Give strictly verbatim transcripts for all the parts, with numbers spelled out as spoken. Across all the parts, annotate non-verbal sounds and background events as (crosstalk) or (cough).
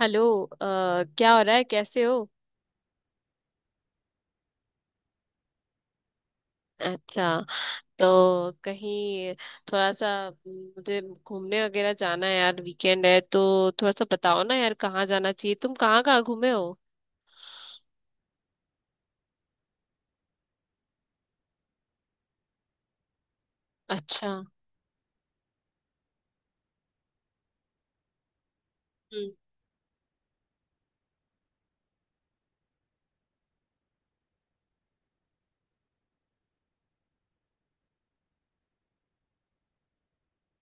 Hello अ, क्या हो रहा है, कैसे हो। अच्छा, तो कहीं थोड़ा सा म, मुझे घूमने वगैरह जाना है यार, वीकेंड है तो थोड़ा सा बताओ ना यार, कहाँ जाना चाहिए, तुम कहाँ कहाँ घूमे हो। अच्छा। हम्म।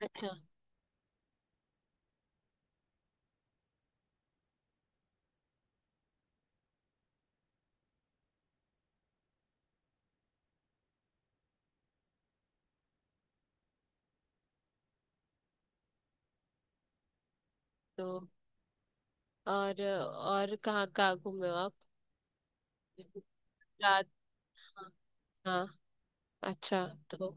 अच्छा। तो और और कहाँ कहाँ घूमे हो आप। राज हाँ। हाँ, अच्छा। तो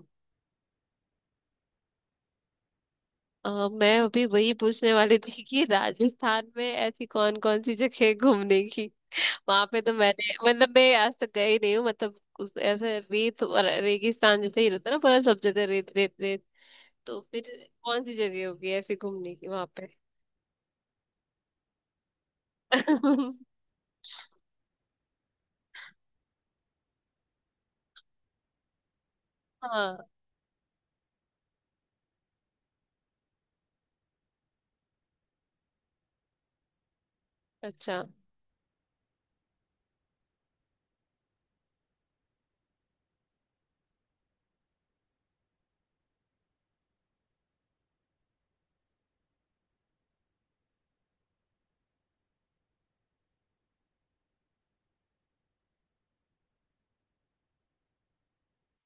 अ, मैं अभी वही पूछने वाली थी कि राजस्थान में ऐसी कौन कौन सी जगह है घूमने की। वहां पे तो मैंने मतलब मैं आज तक गई नहीं हूँ, मतलब उस- ऐसे रेत और रेगिस्तान जैसे ही रहता है ना, पूरा सब जगह रेत रेत रेत। तो फिर कौन सी जगह होगी ऐसे घूमने की वहां पे। (laughs) हाँ। अच्छा।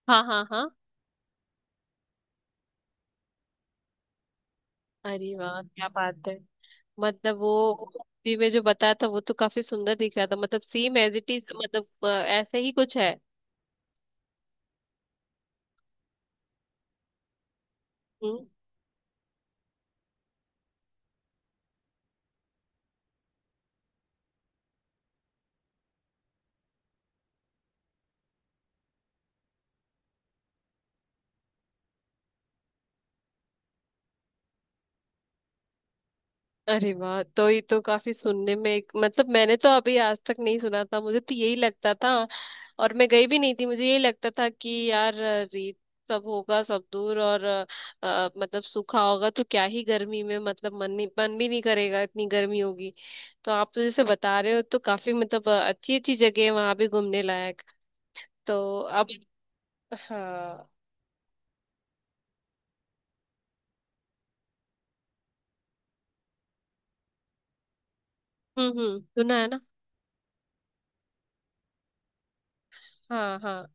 हाँ हाँ हाँ। अरे वाह, क्या बात है। मतलब वो मूवी में जो बताया था वो तो काफी सुंदर दिख रहा था, मतलब सेम एज इट इज, मतलब अ, ऐसे ही कुछ है। हम्म। अरे वाह, तो ये तो काफी सुनने में एक मतलब मैंने तो अभी आज तक नहीं सुना था, मुझे तो यही लगता था। और मैं गई भी नहीं थी, मुझे यही लगता था कि यार अ, रेत सब होगा सब दूर। और अ, अ, मतलब सूखा होगा तो क्या ही गर्मी में, मतलब मन नहीं, मन भी नहीं करेगा, इतनी गर्मी होगी। तो आप तो जैसे बता रहे हो तो काफी मतलब अच्छी अच्छी जगह है वहां भी घूमने लायक। तो अब हाँ। हम्म हम्म, सुना है ना। हाँ हाँ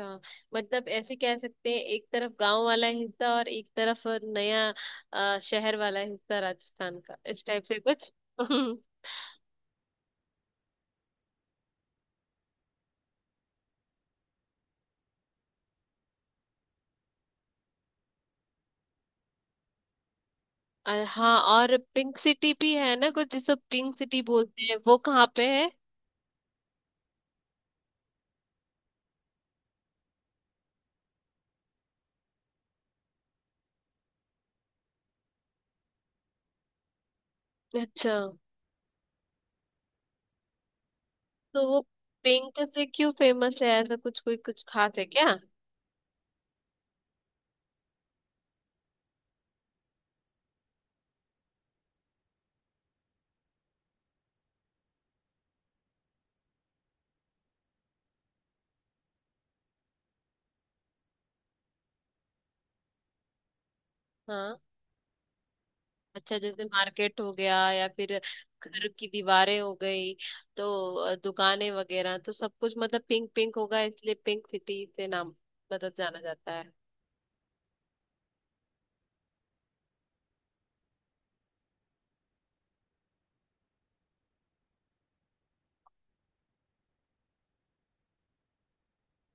हाँ। मतलब ऐसे कह सकते हैं एक तरफ गांव वाला हिस्सा और एक तरफ नया अ, शहर वाला हिस्सा, राजस्थान का इस टाइप से कुछ। (laughs) और हाँ, और पिंक सिटी भी है ना कुछ, जिसको पिंक सिटी बोलते हैं वो कहाँ पे है। अच्छा, तो वो पिंक से क्यों फेमस है, ऐसा कुछ कोई कुछ खास है क्या। हाँ। अच्छा, जैसे मार्केट हो गया या फिर घर की दीवारें हो गई। तो अ, दुकानें वगैरह तो सब कुछ मतलब पिंक पिंक होगा, इसलिए पिंक सिटी से नाम मतलब जाना जाता है।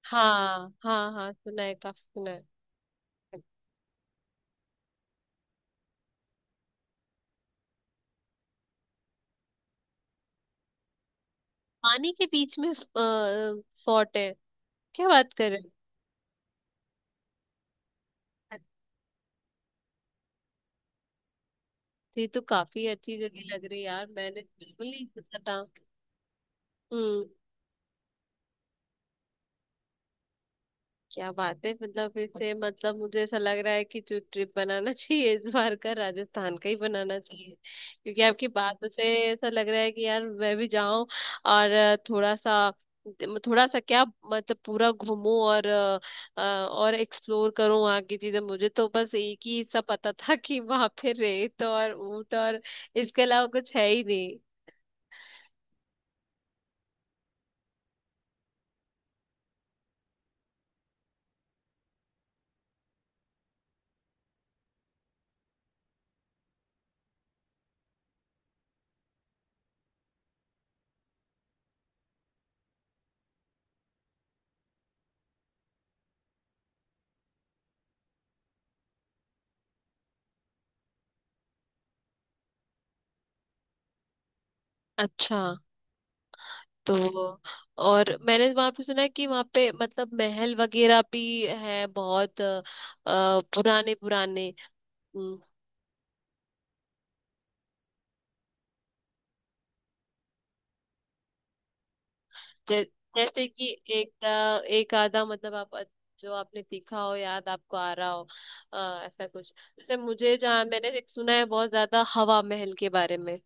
हाँ हाँ हाँ, सुना है, काफी सुना है। पानी के बीच में फोर्ट है, क्या बात कर रहे हैं। ये तो काफी अच्छी जगह लग रही है यार, मैंने बिल्कुल नहीं सोचा था। हम्म। क्या बात है, मतलब इससे मतलब मुझे ऐसा लग रहा है कि जो ट्रिप बनाना (laughs) चाहिए इस बार का, राजस्थान का ही बनाना चाहिए। क्योंकि आपकी बात से ऐसा लग रहा है कि यार मैं भी जाऊं, और थोड़ा सा थोड़ा सा क्या, मतलब पूरा घूमूं और अ, और एक्सप्लोर करूं वहाँ की चीजें। मुझे तो बस एक ही हिस्सा पता था कि वहां पे रेत और ऊंट और इसके अलावा कुछ है ही नहीं। अच्छा। तो और मैंने वहां पे सुना है कि वहां पे मतलब महल वगैरह भी है बहुत, अ, पुराने पुराने। हम्म, जै, जैसे कि एक अ, एक आधा, मतलब आप जो आपने देखा हो, याद आपको आ रहा हो, अ, ऐसा कुछ। जैसे मुझे जहाँ मैंने एक सुना है बहुत ज्यादा, हवा महल के बारे में।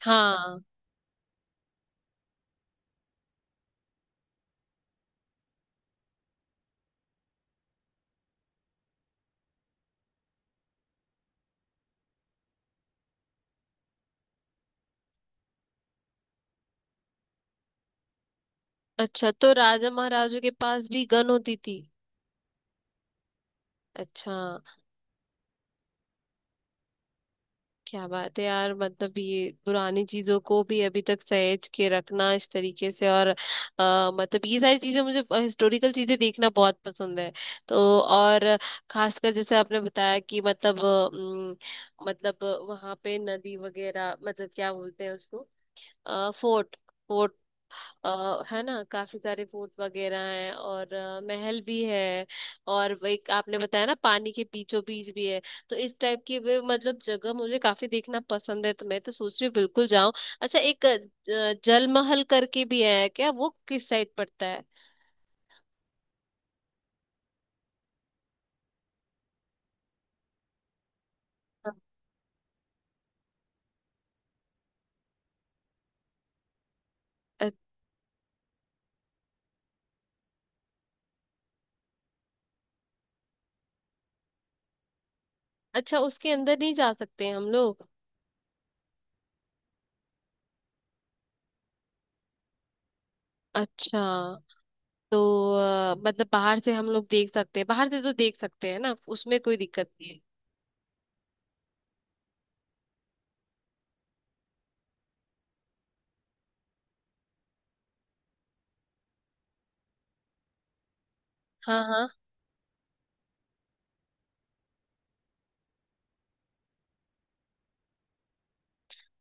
हाँ। अच्छा, तो राजा महाराजों के पास भी गन होती थी। अच्छा। क्या बात है यार, मतलब ये पुरानी चीजों को भी अभी तक सहेज के रखना इस तरीके से। और अ, मतलब ये सारी चीजें, मुझे हिस्टोरिकल चीजें देखना बहुत पसंद है। तो और खासकर जैसे आपने बताया कि मतलब अम, मतलब वहां पे नदी वगैरह, मतलब क्या बोलते हैं उसको, फोर्ट। अ, है ना, काफी सारे फोर्ट वगैरह हैं और अ, महल भी है। और वो एक आपने बताया ना, पानी के बीचों बीच भी है। तो इस टाइप की वे मतलब जगह मुझे काफी देखना पसंद है, तो मैं तो सोच रही हूँ बिल्कुल जाऊं। अच्छा, एक अ, जल महल करके भी है क्या, वो किस साइड पड़ता है। हाँ। अ- अच्छा, उसके अंदर नहीं जा सकते हैं हम लोग। अच्छा, तो अ, मतलब बाहर से हम लोग देख सकते हैं, बाहर से तो देख सकते हैं ना, उसमें कोई दिक्कत नहीं है। हाँ हाँ।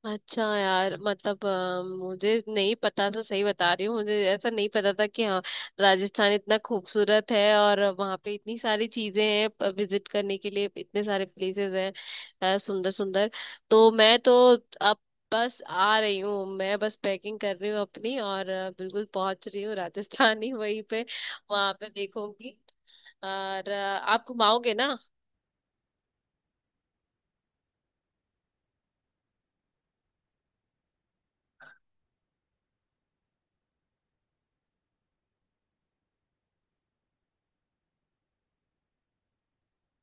अच्छा यार, मतलब अ, मुझे नहीं पता था, सही बता रही हूँ, मुझे ऐसा नहीं पता था कि हाँ राजस्थान इतना खूबसूरत है और वहाँ पे इतनी सारी चीजें हैं विजिट करने के लिए, इतने सारे प्लेसेस हैं सुंदर सुंदर। तो मैं तो अब बस आ रही हूँ, मैं बस पैकिंग कर रही हूँ अपनी, और अ, बिल्कुल पहुंच रही हूँ राजस्थान ही, वहीं पे वहाँ पे देखूंगी। और अ, आप घुमाओगे ना।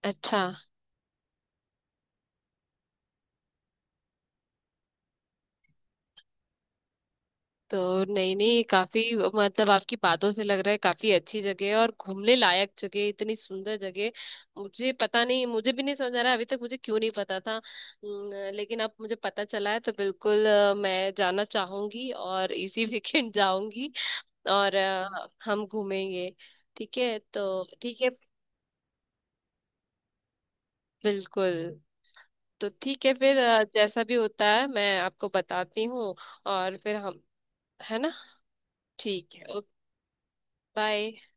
अच्छा। तो नहीं नहीं, काफी मतलब आपकी बातों से लग रहा है काफी अच्छी जगह है और घूमने लायक जगह, इतनी सुंदर जगह। मुझे पता नहीं, मुझे भी नहीं समझ आ रहा अभी तक मुझे क्यों नहीं पता था अम, लेकिन अब मुझे पता चला है तो बिल्कुल अ, मैं जाना चाहूंगी और इसी (laughs) वीकेंड जाऊंगी। और अ, हम घूमेंगे। ठीक है, तो ठीक है। बिल्कुल। तो ठीक है फिर, अ, जैसा भी होता है मैं आपको बताती हूँ। और फिर हम, है ना। ठीक है, ओके। बाय।